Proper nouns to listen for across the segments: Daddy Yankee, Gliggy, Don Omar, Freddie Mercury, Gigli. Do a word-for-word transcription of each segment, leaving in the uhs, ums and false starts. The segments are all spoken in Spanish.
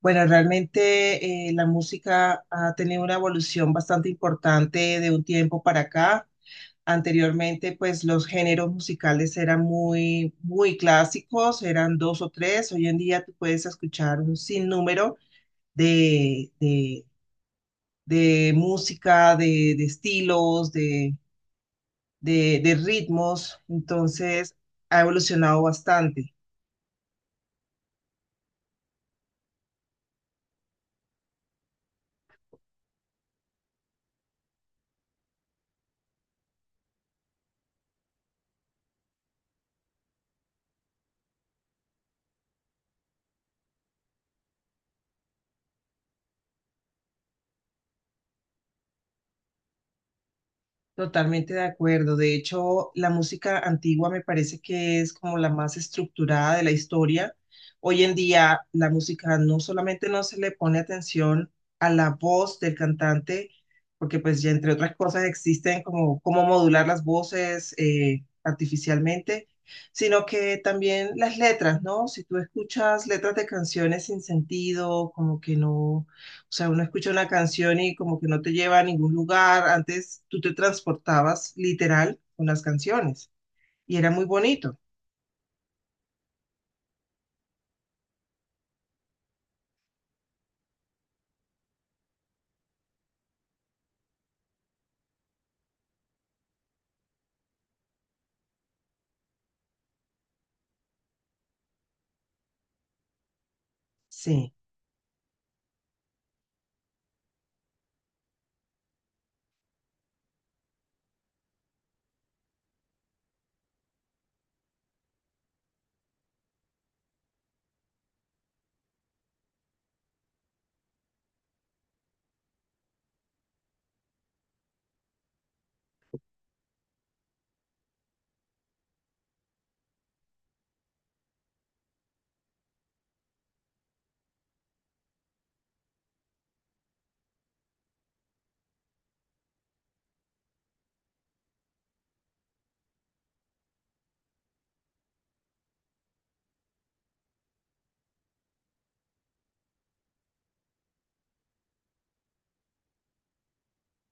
Bueno, realmente eh, la música ha tenido una evolución bastante importante de un tiempo para acá. Anteriormente, pues los géneros musicales eran muy, muy clásicos, eran dos o tres. Hoy en día tú puedes escuchar un sinnúmero de, de, de música, de, de estilos, de, de, de ritmos. Entonces, ha evolucionado bastante. Totalmente de acuerdo. De hecho, la música antigua me parece que es como la más estructurada de la historia. Hoy en día, la música no solamente no se le pone atención a la voz del cantante, porque pues ya entre otras cosas existen como cómo modular las voces eh, artificialmente, sino que también las letras, ¿no? Si tú escuchas letras de canciones sin sentido, como que no, o sea, uno escucha una canción y como que no te lleva a ningún lugar. Antes tú te transportabas literal con las canciones y era muy bonito. Sí,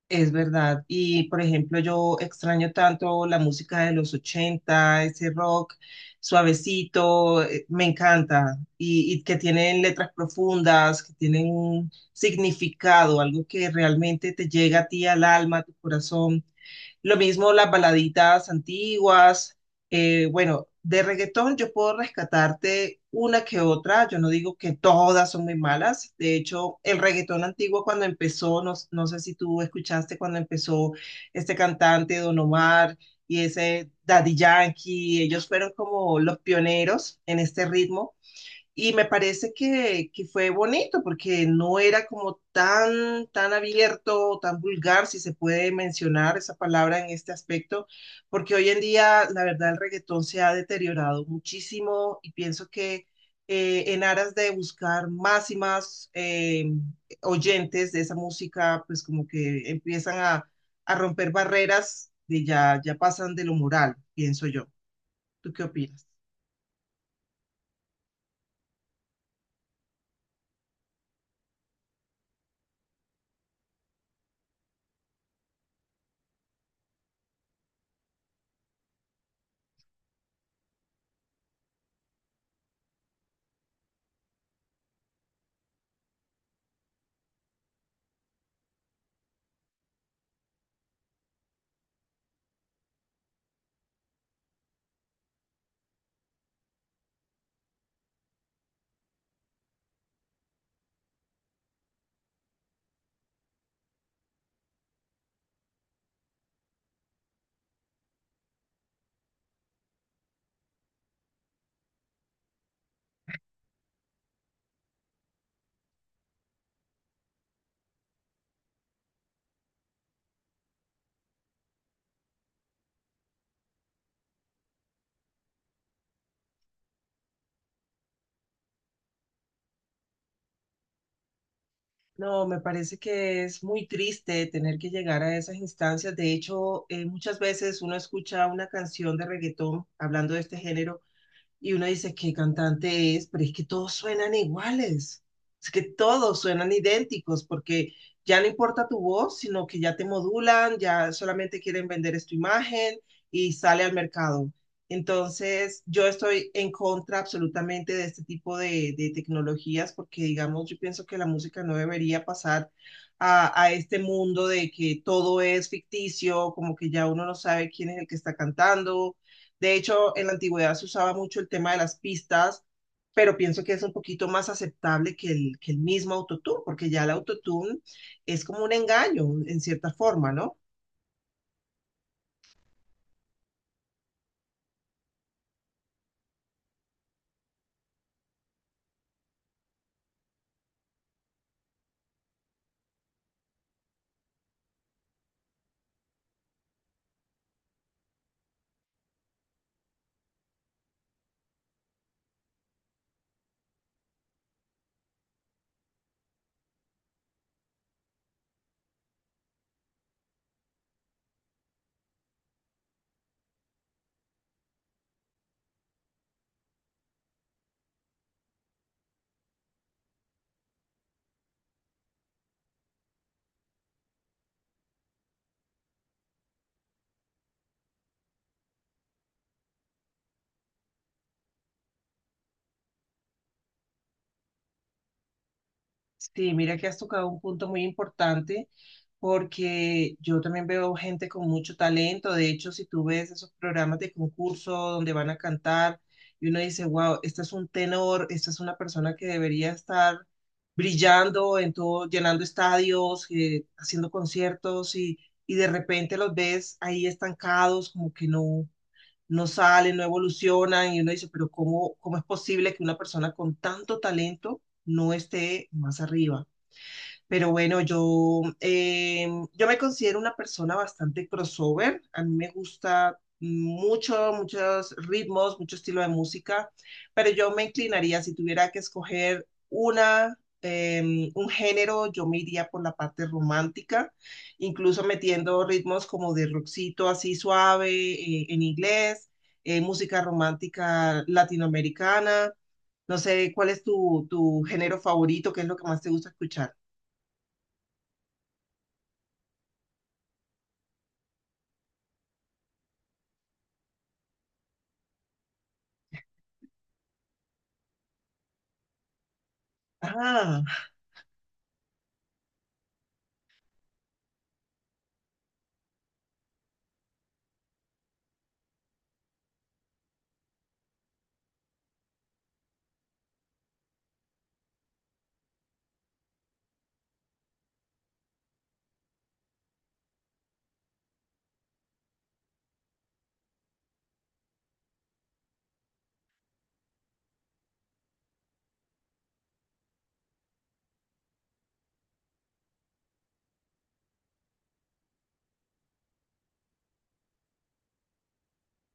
es verdad. Y por ejemplo, yo extraño tanto la música de los ochenta, ese rock suavecito, eh, me encanta. Y, y que tienen letras profundas, que tienen un significado, algo que realmente te llega a ti al alma, a tu corazón. Lo mismo las baladitas antiguas. Eh, bueno, de reggaetón yo puedo rescatarte una que otra. Yo no digo que todas son muy malas. De hecho, el reggaetón antiguo cuando empezó, no, no sé si tú escuchaste cuando empezó este cantante Don Omar y ese Daddy Yankee, ellos fueron como los pioneros en este ritmo. Y me parece que, que fue bonito porque no era como tan, tan abierto, tan vulgar, si se puede mencionar esa palabra en este aspecto, porque hoy en día, la verdad, el reggaetón se ha deteriorado muchísimo y pienso que eh, en aras de buscar más y más eh, oyentes de esa música, pues como que empiezan a, a romper barreras de ya, ya pasan de lo moral, pienso yo. ¿Tú qué opinas? No, me parece que es muy triste tener que llegar a esas instancias. De hecho, eh, muchas veces uno escucha una canción de reggaetón hablando de este género y uno dice qué cantante es, pero es que todos suenan iguales, es que todos suenan idénticos porque ya no importa tu voz, sino que ya te modulan, ya solamente quieren vender esta imagen y sale al mercado. Entonces, yo estoy en contra absolutamente de este tipo de, de tecnologías porque, digamos, yo pienso que la música no debería pasar a, a este mundo de que todo es ficticio, como que ya uno no sabe quién es el que está cantando. De hecho, en la antigüedad se usaba mucho el tema de las pistas, pero pienso que es un poquito más aceptable que el, que el mismo autotune, porque ya el autotune es como un engaño en cierta forma, ¿no? Sí, mira que has tocado un punto muy importante porque yo también veo gente con mucho talento. De hecho, si tú ves esos programas de concurso donde van a cantar y uno dice, wow, este es un tenor, esta es una persona que debería estar brillando en todo, llenando estadios, eh, haciendo conciertos y, y de repente los ves ahí estancados, como que no, no salen, no evolucionan y uno dice, pero ¿cómo, cómo es posible que una persona con tanto talento no esté más arriba? Pero bueno, yo, eh, yo me considero una persona bastante crossover. A mí me gusta mucho, muchos ritmos, mucho estilo de música, pero yo me inclinaría, si tuviera que escoger una, eh, un género, yo me iría por la parte romántica, incluso metiendo ritmos como de rockcito así suave eh, en inglés, eh, música romántica latinoamericana. No sé, ¿cuál es tu, tu género favorito? ¿Qué es lo que más te gusta escuchar? Ah,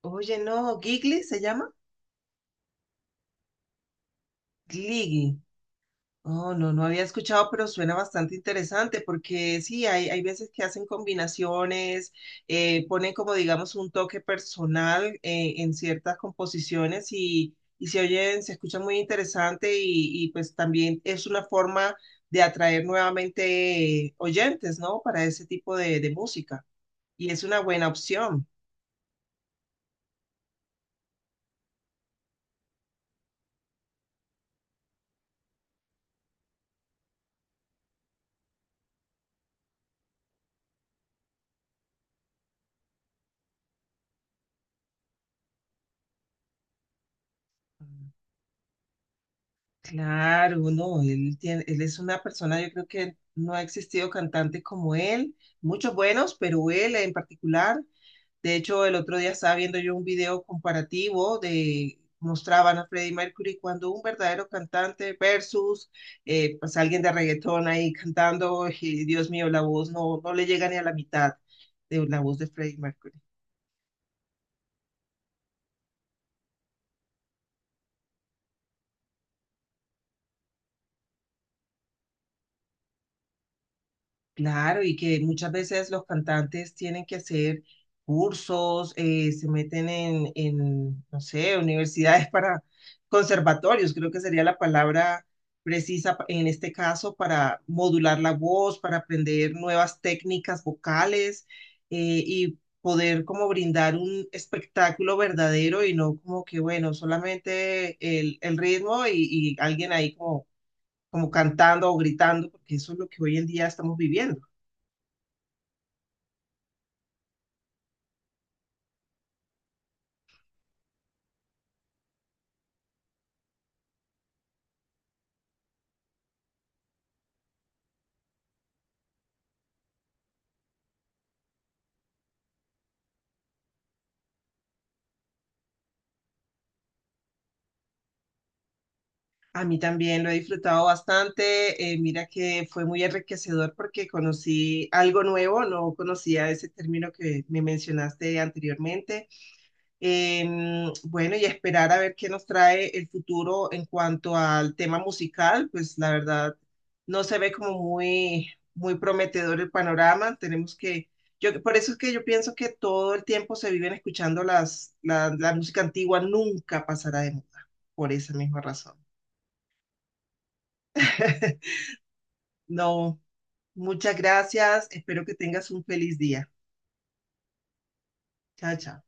oye, no, Gigli se llama Gliggy. Oh, no, no había escuchado, pero suena bastante interesante porque sí, hay, hay veces que hacen combinaciones, eh, ponen como digamos un toque personal eh, en ciertas composiciones y, y se oyen, se escucha muy interesante y, y pues también es una forma de atraer nuevamente eh, oyentes, ¿no? Para ese tipo de, de música, y es una buena opción. Claro, no, él tiene, él es una persona, yo creo que no ha existido cantante como él, muchos buenos, pero él en particular, de hecho el otro día estaba viendo yo un video comparativo de, mostraban a Freddie Mercury cuando un verdadero cantante versus eh, pues alguien de reggaetón ahí cantando, y Dios mío, la voz no, no le llega ni a la mitad de la voz de Freddie Mercury. Claro, y que muchas veces los cantantes tienen que hacer cursos, eh, se meten en, en, no sé, universidades para conservatorios, creo que sería la palabra precisa pa- en este caso para modular la voz, para aprender nuevas técnicas vocales eh, y poder como brindar un espectáculo verdadero y no como que, bueno, solamente el, el ritmo y, y alguien ahí como, como cantando o gritando, porque eso es lo que hoy en día estamos viviendo. A mí también lo he disfrutado bastante. Eh, mira que fue muy enriquecedor porque conocí algo nuevo, no conocía ese término que me mencionaste anteriormente. Em, bueno, y esperar a ver qué nos trae el futuro en cuanto al tema musical, pues la verdad no se ve como muy, muy prometedor el panorama. Tenemos que, yo, por eso es que yo pienso que todo el tiempo se viven escuchando las, la la música antigua, nunca pasará de moda, por esa misma razón. No, muchas gracias. Espero que tengas un feliz día. Chao, chao.